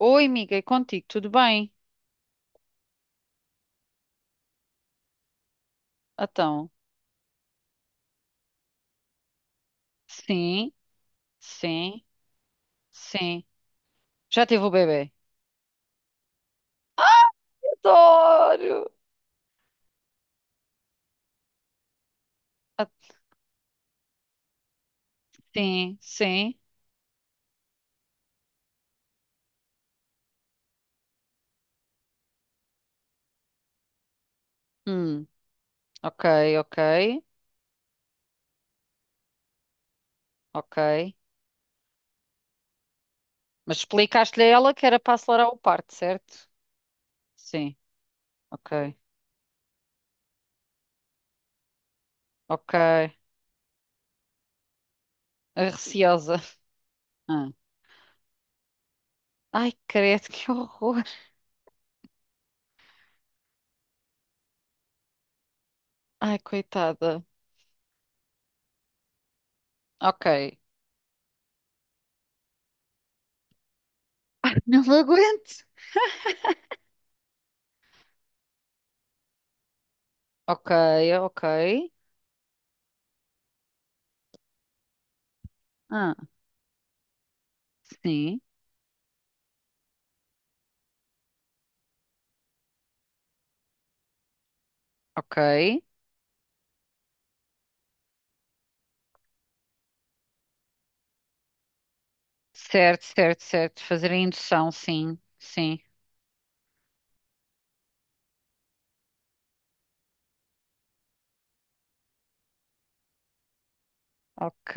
Oi, amiga, e contigo, tudo bem? Então, sim, sim, sim. Já tive o bebê? Adoro! Ah, sim, sim. Hum, ok, ok, ok. Mas explicaste-lhe a ela que era para acelerar o parto, certo? Sim, ok, ok. A Receosa. Ah. Ai, credo, que horror. Ai, coitada. Ok. Não me aguento. Ok, ok. Ah, sim, ok. Certo, certo, certo. Fazer a indução, sim, sim. Ok.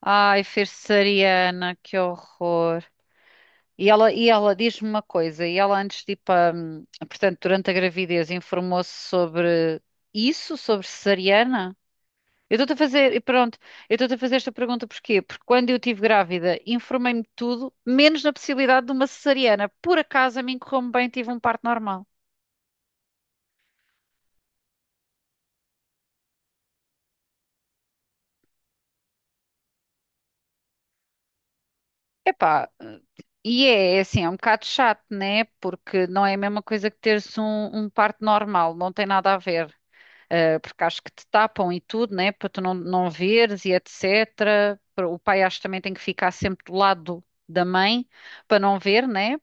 Ai, fersariana, que horror. E ela diz-me uma coisa, e ela antes de ir para, portanto, durante a gravidez, informou-se sobre isso, sobre cesariana? Eu estou-te a fazer, e pronto, eu estou-te a fazer esta pergunta porquê? Porque quando eu estive grávida, informei-me de tudo, menos na possibilidade de uma cesariana. Por acaso, a mim correu-me bem, tive um parto normal. Epá, e é assim, é um bocado chato, né? Porque não é a mesma coisa que teres um parto normal, não tem nada a ver. Eh, porque acho que te tapam e tudo, né? Para tu não, não veres e etc. Para- O pai acho que também tem que ficar sempre do lado da mãe para não ver, né?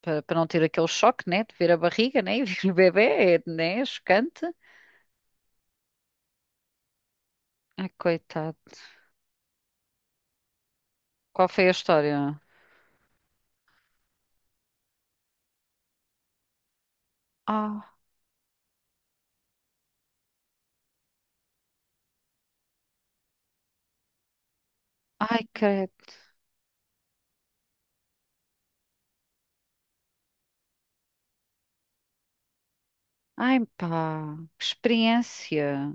Para, para não ter aquele choque, né? De ver a barriga, né? E ver o bebê, é, né? Chocante. Ai, coitado. Qual foi a história? Ah, ai, credo. Ai, pá, que experiência.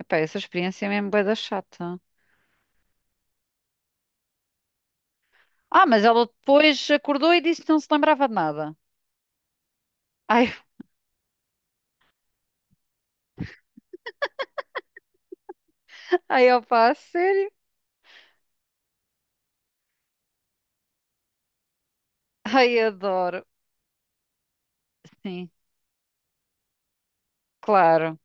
Epá, essa experiência é mesmo bué da chata. Ah, mas ela depois acordou e disse que não se lembrava de nada. Ai, ai, opá, a sério? Ai, adoro. Sim, claro,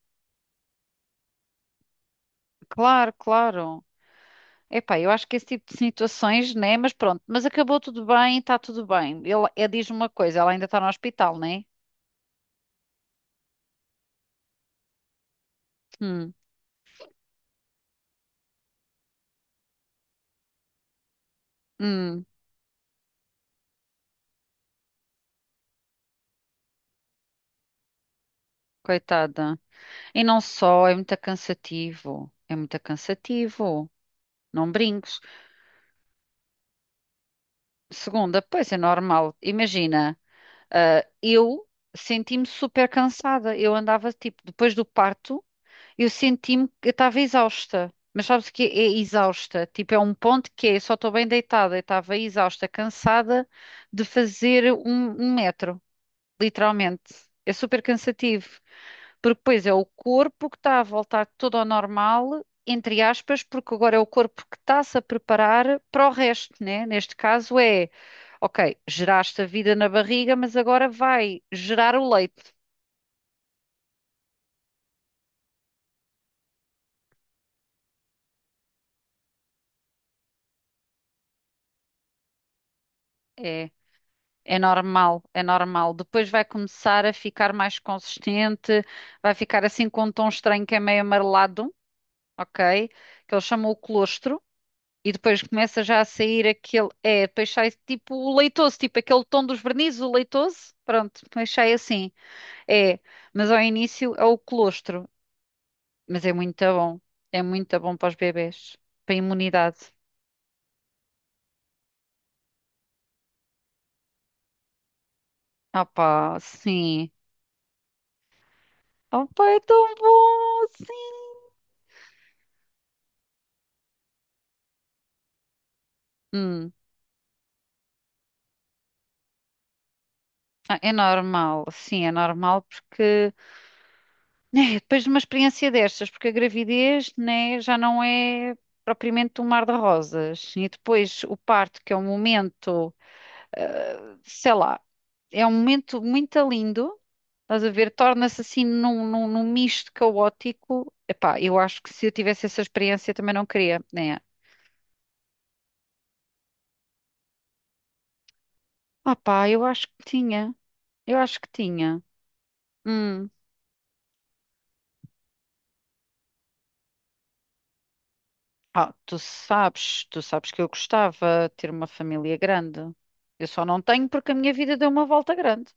claro, claro. Epá, eu acho que esse tipo de situações, né? Mas pronto, mas acabou tudo bem, está tudo bem. Ele diz uma coisa, ela ainda está no hospital, né? Hum, hum, coitada. E não só, é muito cansativo. É muito cansativo. Não brinques. Segunda, pois é normal. Imagina. Ah, eu senti-me super cansada. Eu andava, tipo, depois do parto, eu senti-me que eu estava exausta. Mas sabes o que é exausta? Tipo, é um ponto que é, só estou bem deitada. Eu estava exausta, cansada de fazer um metro, literalmente. É super cansativo. Porque depois é o corpo que está a voltar tudo ao normal, entre aspas, porque agora é o corpo que está-se a preparar para o resto, né? Neste caso é, ok, geraste a vida na barriga, mas agora vai gerar o leite. É, é normal, é normal. Depois vai começar a ficar mais consistente, vai ficar assim com um tom estranho que é meio amarelado, ok? Que eles chamam o colostro. E depois começa já a sair aquele. É, depois sai tipo o leitoso, tipo aquele tom dos vernizes, o leitoso. Pronto, depois sai assim. É, mas ao início é o colostro. Mas é muito bom. É muito bom para os bebés. Para a imunidade. Ah pá, sim. Ah pá, é tão bom, sim. Hum. Ah, é normal, sim, é normal porque. É, depois de uma experiência destas, porque a gravidez, né, já não é propriamente um mar de rosas. E depois o parto, que é um momento. Eh, sei lá, é um momento muito lindo, estás a ver? Torna-se assim num misto caótico. Epá, eu acho que se eu tivesse essa experiência também não queria, né? Ah pá, eu acho que tinha, eu acho que tinha. Hum. Ah, tu sabes que eu gostava de ter uma família grande. Eu só não tenho porque a minha vida deu uma volta grande.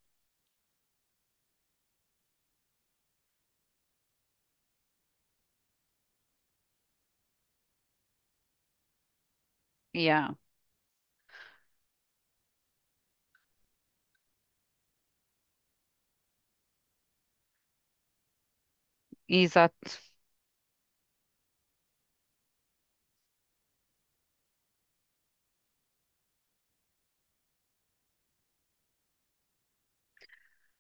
Yeah, exato.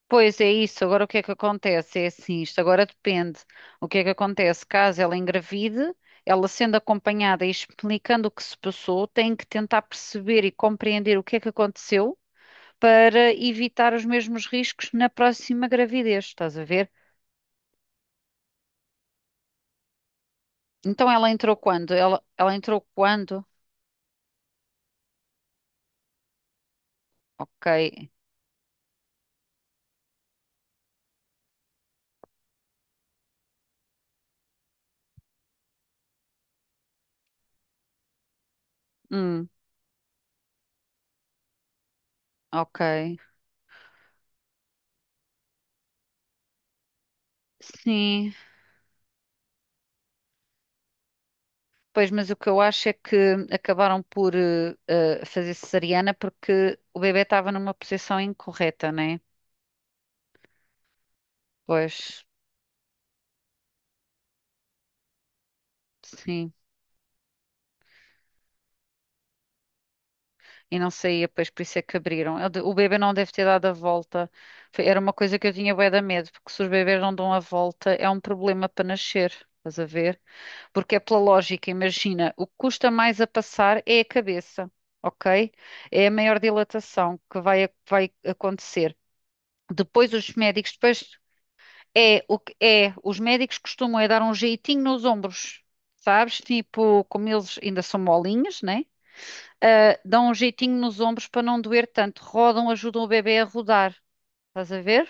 Pois é isso, agora o que é que acontece? É assim, isto agora depende. O que é que acontece? Caso ela engravide, ela sendo acompanhada e explicando o que se passou, tem que tentar perceber e compreender o que é que aconteceu para evitar os mesmos riscos na próxima gravidez, estás a ver? Então ela entrou quando? Ela entrou quando? Ok. Hum, ok. Sim, pois, mas o que eu acho é que acabaram por fazer cesariana porque o bebê estava numa posição incorreta, né? Pois, sim. E não saía, pois, por isso é que abriram. Eu de- O bebê não deve ter dado a volta. Foi- Era uma coisa que eu tinha bué de medo, porque se os bebês não dão a volta, é um problema para nascer. Estás a ver? Porque é pela lógica, imagina, o que custa mais a passar é a cabeça, ok? É a maior dilatação que vai, vai acontecer. Depois os médicos, depois. É, o que é, os médicos costumam é dar um jeitinho nos ombros, sabes? Tipo, como eles ainda são molinhos, né? Ah, dão um jeitinho nos ombros para não doer tanto. Rodam, ajudam o bebê a rodar, estás a ver?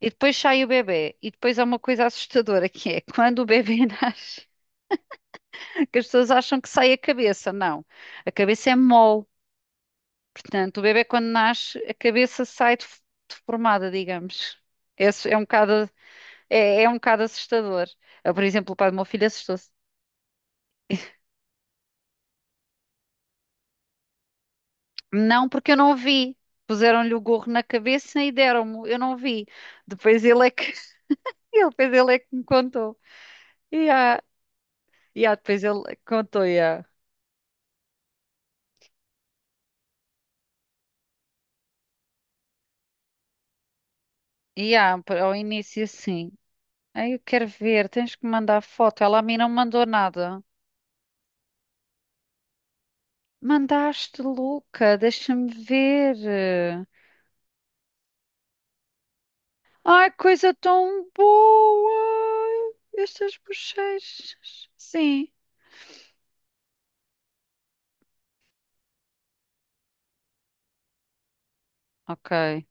E depois sai o bebê. E depois há uma coisa assustadora que é quando o bebê nasce, que as pessoas acham que sai a cabeça. Não, a cabeça é mole. Portanto, o bebê quando nasce, a cabeça sai def- deformada, digamos. Esse é um bocado é um bocado assustador. Eu, por exemplo, o pai do meu filho assustou-se. Não, porque eu não vi. Puseram-lhe o gorro na cabeça e deram-me. Eu não vi. Depois ele é que, ele, depois ele é que me contou. E ah, depois ele contou. E ah, ao início assim. Ai, eu quero ver, tens que mandar foto. Ela a mim não mandou nada. Mandaste, Luca, deixa-me ver. Ai, coisa tão boa! Estas bochechas. Sim, ok.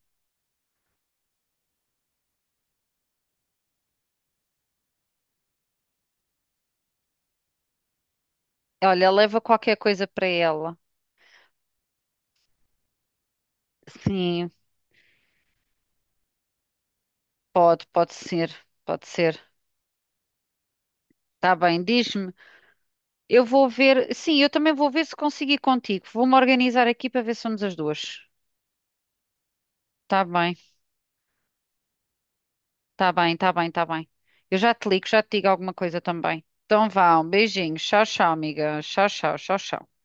Olha, leva qualquer coisa para ela. Sim, pode, pode ser, pode ser. Tá bem, diz-me. Eu vou ver. Sim, eu também vou ver se consigo ir contigo. Vou-me organizar aqui para ver se somos as duas. Tá bem, tá bem, tá bem, tá bem. Eu já te ligo, já te digo alguma coisa também. Então vá, um beijinho. Tchau, tchau, amiga. Tchau, tchau, tchau, tchau.